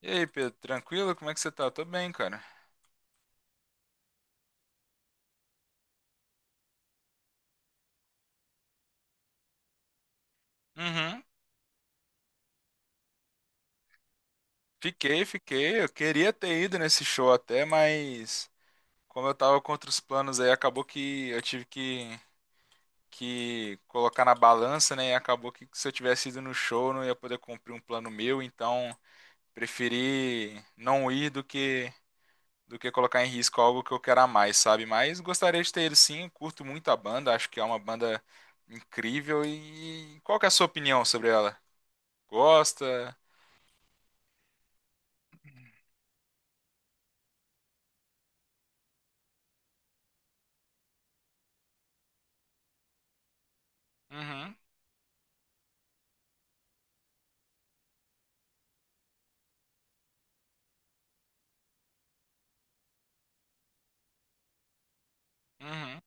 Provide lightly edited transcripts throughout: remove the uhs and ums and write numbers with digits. E aí, Pedro, tranquilo? Como é que você tá? Tô bem, cara. Uhum. Fiquei. Eu queria ter ido nesse show até, mas como eu tava contra os planos aí, acabou que eu tive que colocar na balança, né? E acabou que se eu tivesse ido no show, eu não ia poder cumprir um plano meu, então preferi não ir do que colocar em risco algo que eu quero a mais, sabe? Mas gostaria de ter ido sim, eu curto muito a banda, acho que é uma banda incrível. E qual que é a sua opinião sobre ela? Gosta? Uhum, uhum,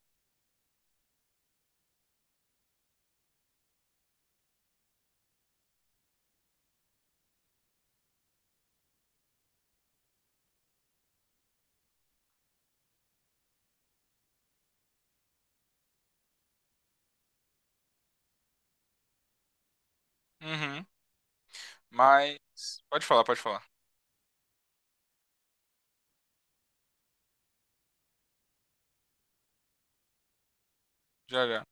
uhum. Mas pode falar, pode falar. Já, já.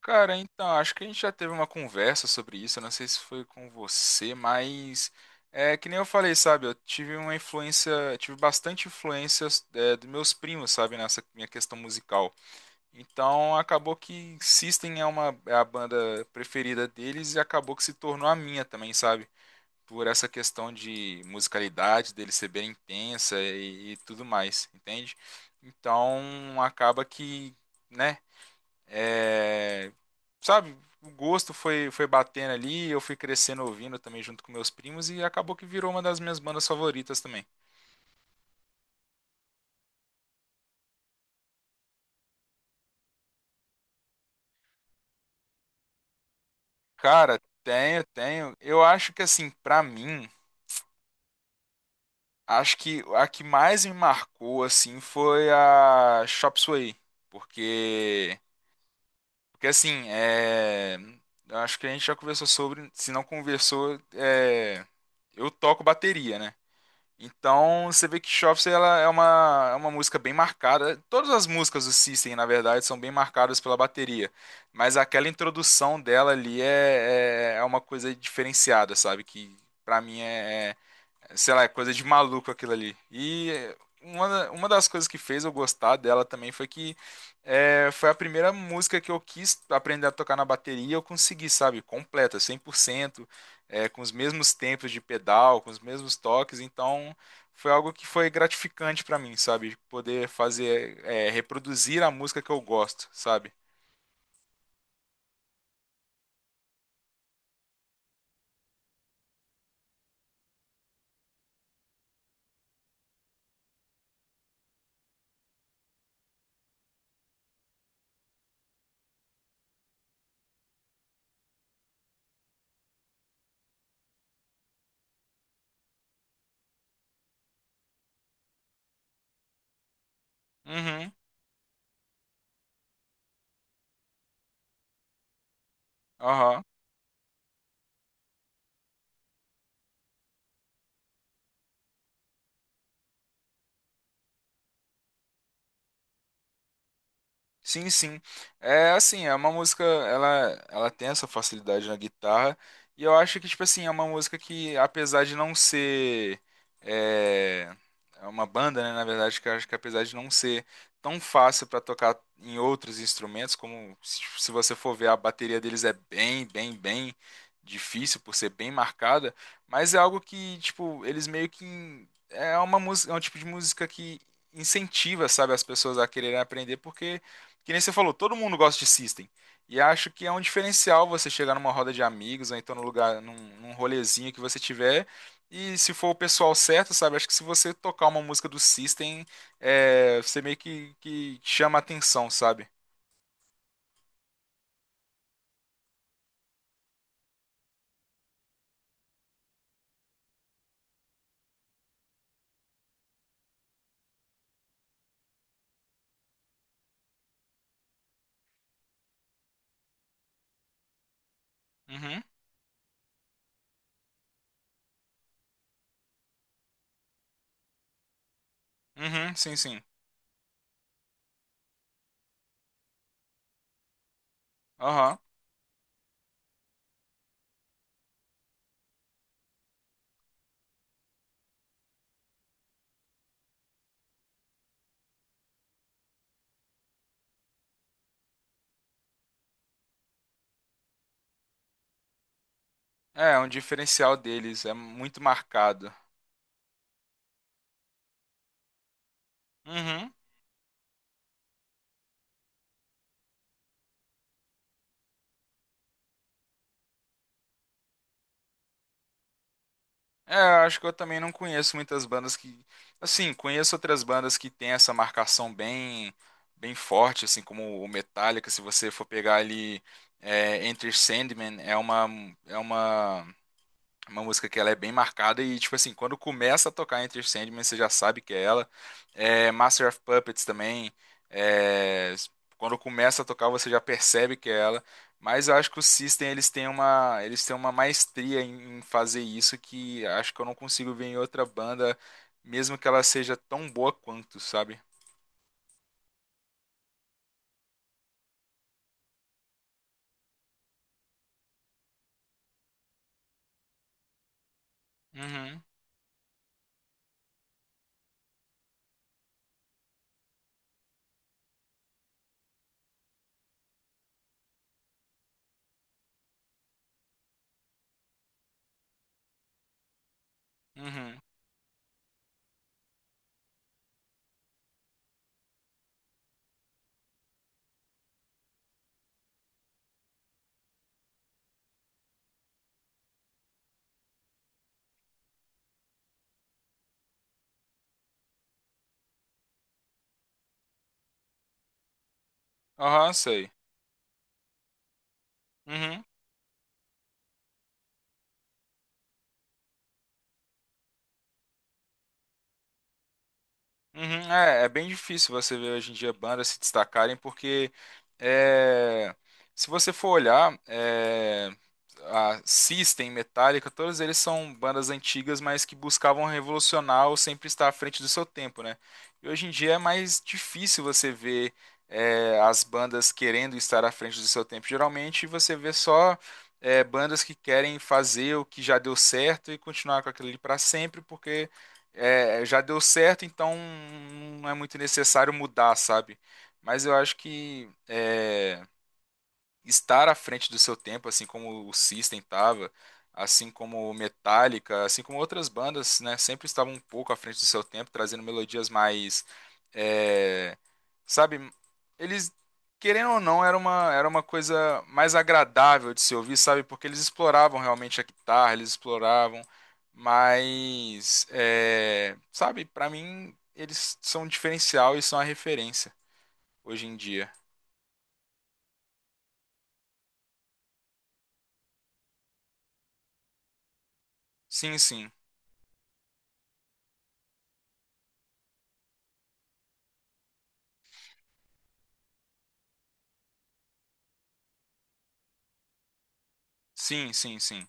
Cara, então, acho que a gente já teve uma conversa sobre isso. Eu não sei se foi com você, mas é que nem eu falei, sabe? Eu tive uma influência, tive bastante influência dos meus primos, sabe, nessa minha questão musical. Então, acabou que System é uma é a banda preferida deles e acabou que se tornou a minha também, sabe? Por essa questão de musicalidade dele ser bem intensa e tudo mais, entende? Então acaba né, é, sabe, o gosto foi batendo ali, eu fui crescendo ouvindo também junto com meus primos e acabou que virou uma das minhas bandas favoritas também. Cara, tenho, tenho. Eu acho que assim, pra mim, acho que a que mais me marcou assim foi a Chop Suey, porque... Porque assim, eu acho que a gente já conversou sobre, se não conversou, eu toco bateria, né? Então você vê que Shops ela é é uma música bem marcada. Todas as músicas do System, na verdade, são bem marcadas pela bateria. Mas aquela introdução dela ali é uma coisa diferenciada, sabe? Que pra mim sei lá, é coisa de maluco aquilo ali. Uma das coisas que fez eu gostar dela também foi que, foi a primeira música que eu quis aprender a tocar na bateria e eu consegui, sabe, completa, 100%, com os mesmos tempos de pedal, com os mesmos toques, então foi algo que foi gratificante pra mim, sabe, poder fazer, reproduzir a música que eu gosto, sabe? Uhum, aham. Sim, sim. É assim, é uma música, ela tem essa facilidade na guitarra, e eu acho que, tipo assim, é uma música que, apesar de não ser é, é uma banda, né, na verdade, que eu acho que apesar de não ser tão fácil para tocar em outros instrumentos, como se você for ver, a bateria deles é bem difícil por ser bem marcada, mas é algo que, tipo, eles meio que é uma música, é um tipo de música que incentiva, sabe, as pessoas a quererem aprender, porque que nem você falou, todo mundo gosta de System. E acho que é um diferencial você chegar numa roda de amigos, ou então num num rolezinho que você tiver. E se for o pessoal certo, sabe? Acho que se você tocar uma música do System, você meio que chama a atenção, sabe? Uhum, uhum, sim, sim. Aham. É, é um diferencial deles, é muito marcado. Uhum. É, eu acho que eu também não conheço muitas bandas que, assim, conheço outras bandas que tem essa marcação bem forte, assim, como o Metallica, se você for pegar ali, é, Enter Sandman, é uma uma música que ela é bem marcada e, tipo assim, quando começa a tocar Enter Sandman, você já sabe que é ela. É, Master of Puppets também, é, quando começa a tocar, você já percebe que é ela. Mas eu acho que o System, eles eles têm uma maestria em fazer isso que acho que eu não consigo ver em outra banda, mesmo que ela seja tão boa quanto, sabe? Uhum, uhum. Aham, sei. Uhum. Uhum, é, é bem difícil você ver hoje em dia bandas se destacarem, porque é, se você for olhar, a System, Metallica, todos eles são bandas antigas, mas que buscavam revolucionar ou sempre estar à frente do seu tempo, né? E hoje em dia é mais difícil você ver as bandas querendo estar à frente do seu tempo. Geralmente você vê só bandas que querem fazer o que já deu certo e continuar com aquilo ali para sempre, porque já deu certo, então não é muito necessário mudar, sabe? Mas eu acho que estar à frente do seu tempo, assim como o System estava, assim como o Metallica, assim como outras bandas, né, sempre estavam um pouco à frente do seu tempo, trazendo melodias mais, é, sabe, eles querendo ou não era uma coisa mais agradável de se ouvir, sabe, porque eles exploravam realmente a guitarra, eles exploravam, mas, sabe, para mim eles são um diferencial e são a referência hoje em dia. Sim, sim. Sim, sim, sim.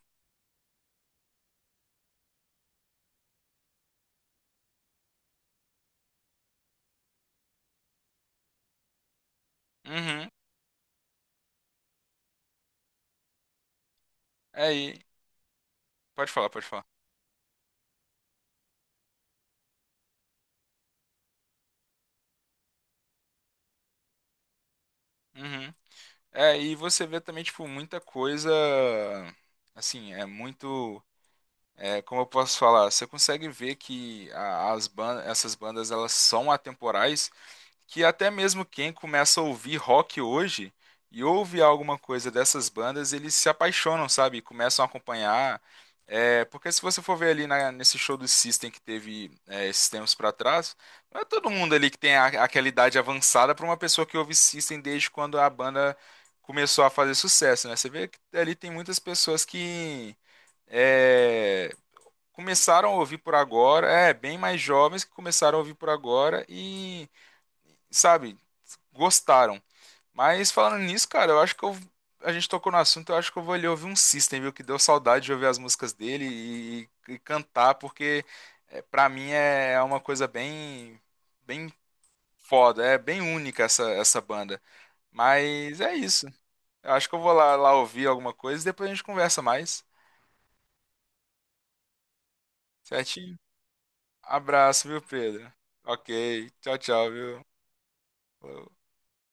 Uhum. Aí, pode falar, pode falar. Uhum. É, e você vê também, tipo, muita coisa. Assim, é muito. É, como eu posso falar? Você consegue ver que as bandas, essas bandas, elas são atemporais. Que até mesmo quem começa a ouvir rock hoje e ouve alguma coisa dessas bandas, eles se apaixonam, sabe? Começam a acompanhar. É, porque se você for ver ali nesse show do System que teve esses tempos pra trás, não é todo mundo ali que tem aquela idade avançada pra uma pessoa que ouve System desde quando a banda começou a fazer sucesso, né? Você vê que ali tem muitas pessoas que é, começaram a ouvir por agora, é, bem mais jovens que começaram a ouvir por agora sabe, gostaram. Mas falando nisso, cara, eu acho que a gente tocou no assunto, eu acho que eu vou ali ouvir um System, viu? Que deu saudade de ouvir as músicas dele e cantar, porque para mim é uma coisa bem, bem foda, é bem única essa banda. Mas é isso. Eu acho que eu vou lá ouvir alguma coisa e depois a gente conversa mais. Certinho? Abraço, viu, Pedro? Ok. Tchau, tchau, viu? Falou.